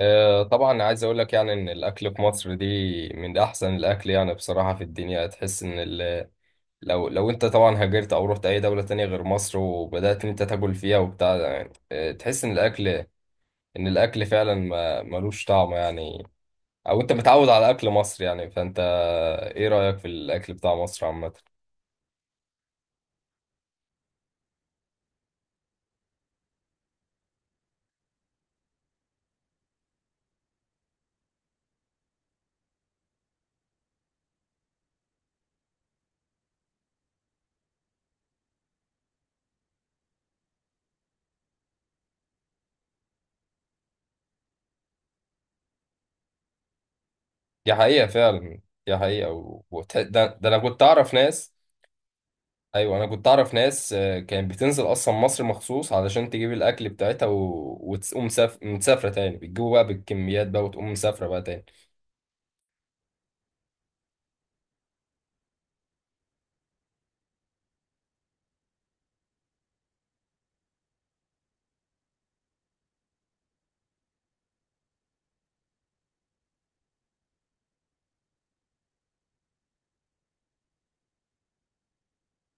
طبعا عايز اقول لك يعني ان الاكل في مصر دي من احسن الاكل يعني بصراحه في الدنيا. تحس ان لو انت طبعا هاجرت او رحت اي دوله تانية غير مصر وبدات ان انت تاكل فيها وبتاع ده، يعني تحس ان الاكل فعلا ما ملوش طعم يعني. او انت متعود على اكل مصر يعني فانت. ايه رايك في الاكل بتاع مصر عامه؟ دي حقيقه فعلا. دي حقيقه ده، انا كنت اعرف ناس. ايوه، انا كنت اعرف ناس كانت بتنزل اصلا مصر مخصوص علشان تجيب الاكل بتاعتها مسافره تاني، بتجيبه بقى بالكميات بقى وتقوم مسافره بقى تاني.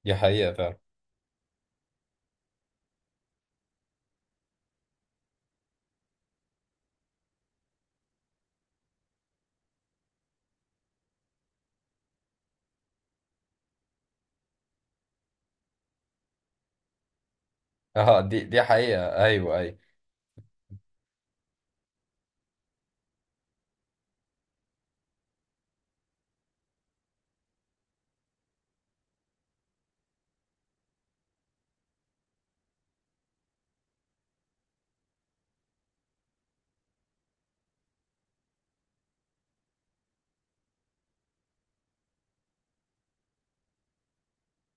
دي حقيقه فعلا. اه، دي دي حقيقه، ايوه ايوه.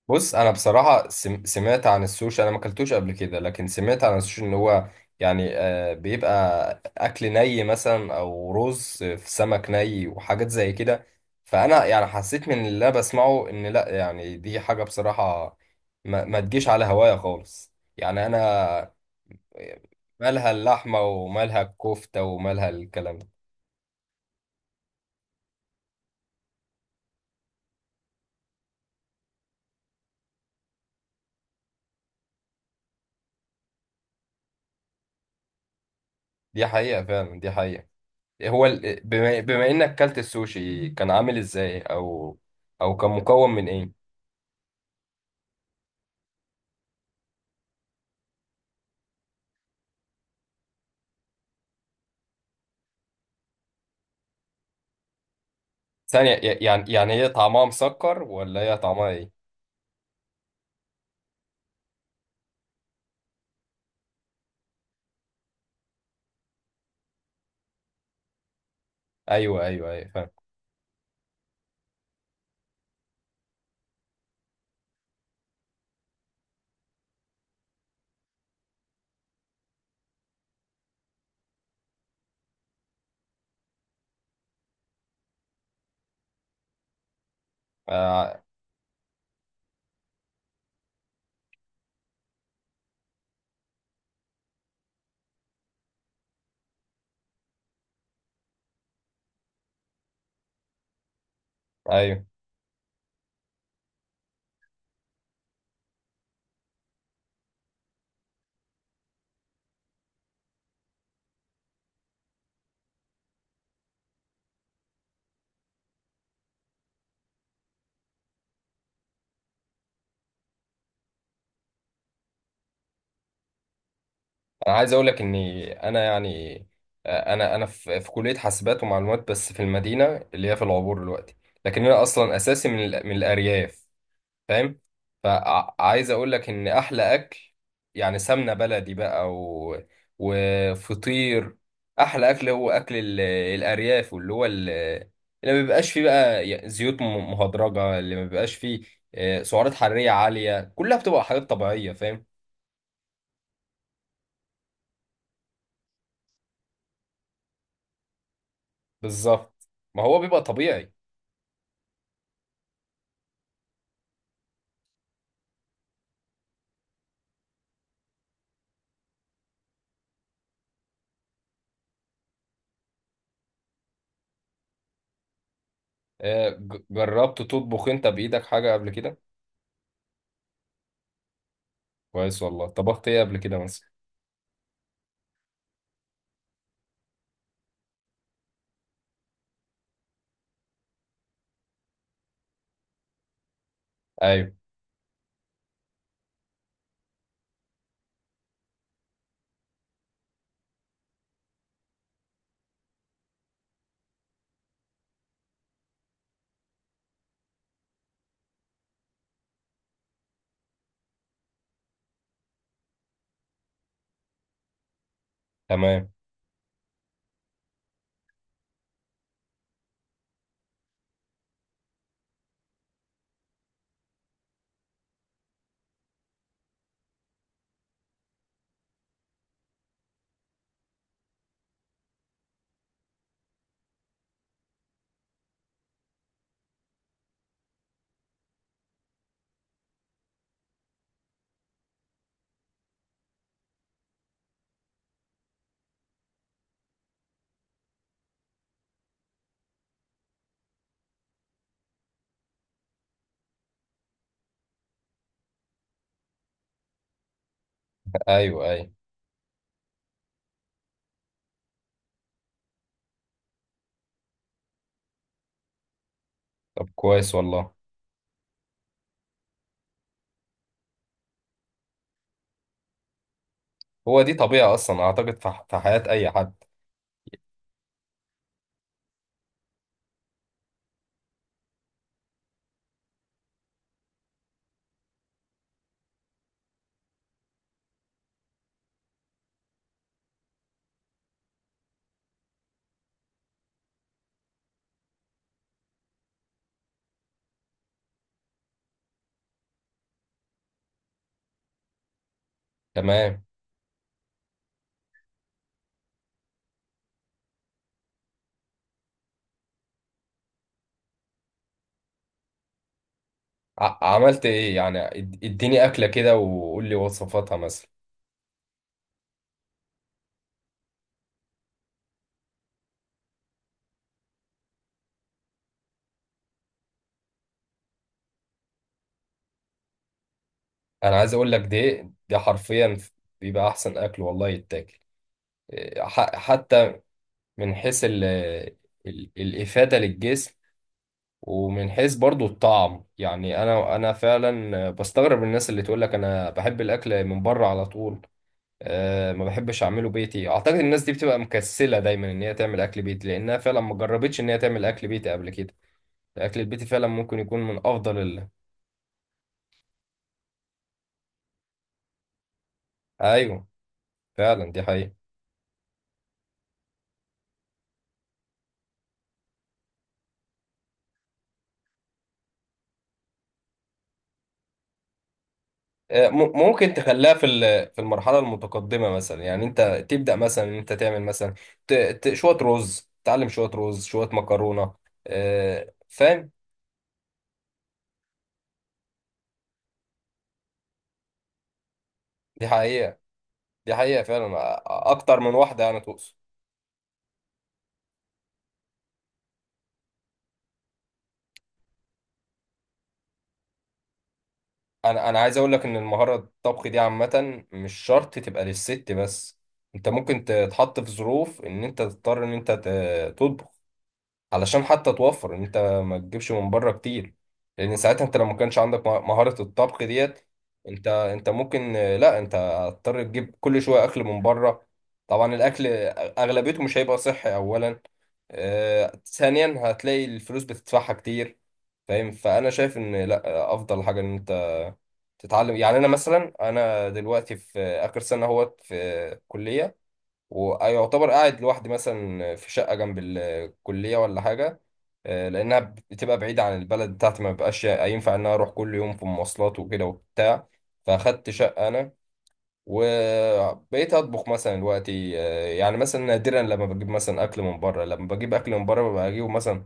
بص، انا بصراحه سمعت عن السوشي، انا ما اكلتوش قبل كده، لكن سمعت عن السوشي ان هو يعني بيبقى اكل ني مثلا او رز في سمك ني وحاجات زي كده. فانا يعني حسيت من اللي انا بسمعه ان لا، يعني دي حاجه بصراحه ما تجيش على هوايا خالص يعني. انا مالها اللحمه ومالها الكفته ومالها الكلام ده. دي حقيقه فعلا، دي حقيقه. هو بما انك كلت السوشي، كان عامل ازاي او او كان مكون من ايه؟ ثانية يعني هي طعمها مسكر ولا هي طعمها ايه؟ ايوه ايوه ايوه، فاهم. آه، ايوه. انا عايز اقول لك اني انا يعني انا انا في في كلية حاسبات ومعلومات، بس في المدينة اللي هي في العبور دلوقتي، لكن انا اصلا اساسي من من الارياف. فاهم. فعايز اقول لك ان احلى اكل، يعني سمنه بلدي بقى وفطير. احلى اكل هو اكل الارياف، واللي هو اللي ما بيبقاش فيه بقى زيوت مهدرجه، اللي ما بيبقاش فيه سعرات حراريه عاليه، كلها بتبقى حاجات طبيعيه. فاهم. بالظبط. ما هو بيبقى طبيعي. جربت تطبخ انت بايدك حاجه قبل كده؟ كويس والله، طبخت ايه قبل كده مثلا؟ ايوه. تمام. ايوه ايوه. طب كويس والله. هو دي طبيعة أصلا أعتقد في في حياة أي حد. تمام. عملت إيه يعني؟ إديني أكلة كده وقول لي وصفاتها مثلا. أنا عايز أقول لك دي، دي حرفيا بيبقى أحسن أكل والله يتاكل. إيه، حتى من حيث الإفادة للجسم، ومن حيث برضو الطعم. يعني أنا أنا فعلا بستغرب الناس اللي تقول لك أنا بحب الأكل من بره على طول. أه، ما بحبش اعمله بيتي. اعتقد الناس دي بتبقى مكسله دايما ان هي تعمل اكل بيتي، لانها فعلا ما جربتش ان هي تعمل اكل بيتي قبل كده. الاكل البيتي فعلا ممكن يكون من افضل ايوه، فعلا دي حقيقه. أه، ممكن تخليها في في المرحله المتقدمه مثلا. يعني انت تبدا مثلا ان انت تعمل مثلا شويه رز، تعلم شويه رز شويه مكرونه. أه، فاهم. دي حقيقه، دي حقيقه فعلا. اكتر من واحده انا تقصد. انا انا عايز اقول لك ان المهاره الطبخ دي عامه، مش شرط تبقى للست بس. انت ممكن تتحط في ظروف ان انت تضطر ان انت تطبخ، علشان حتى توفر ان انت ما تجيبش من بره كتير. لان ساعتها انت لو ما كانش عندك مهاره الطبخ ديت، انت انت ممكن لا، انت هتضطر تجيب كل شويه اكل من بره. طبعا الاكل اغلبيته مش هيبقى صحي اولا، ثانيا هتلاقي الفلوس بتدفعها كتير. فاهم. فانا شايف ان لا، افضل حاجه ان تتعلم. يعني انا مثلا، انا دلوقتي في اخر سنه اهوت في كليه، ويعتبر قاعد لوحدي مثلا في شقه جنب الكليه ولا حاجه، لانها بتبقى بعيده عن البلد بتاعتي، ما بقاش ينفع ان انا اروح كل يوم في مواصلات وكده وبتاع. فاخدت شقه انا، وبقيت اطبخ مثلا دلوقتي. يعني مثلا نادرا لما بجيب مثلا اكل من بره، لما بجيب اكل من بره ببقى اجيبه مثلا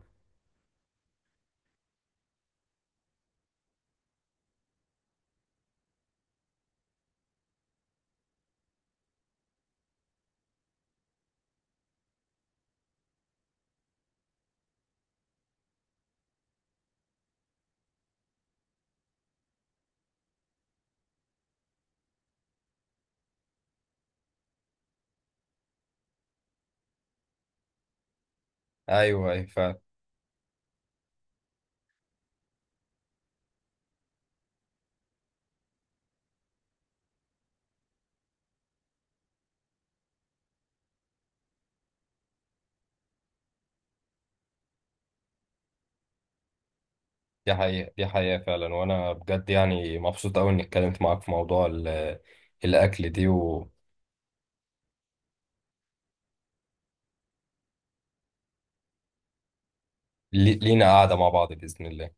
ايوه ايوه. دي حقيقة، دي حقيقة فعلا. وأنا بجد يعني مبسوط أوي إني اتكلمت معاك في موضوع الأكل دي. ولينا قعدة مع بعض بإذن الله.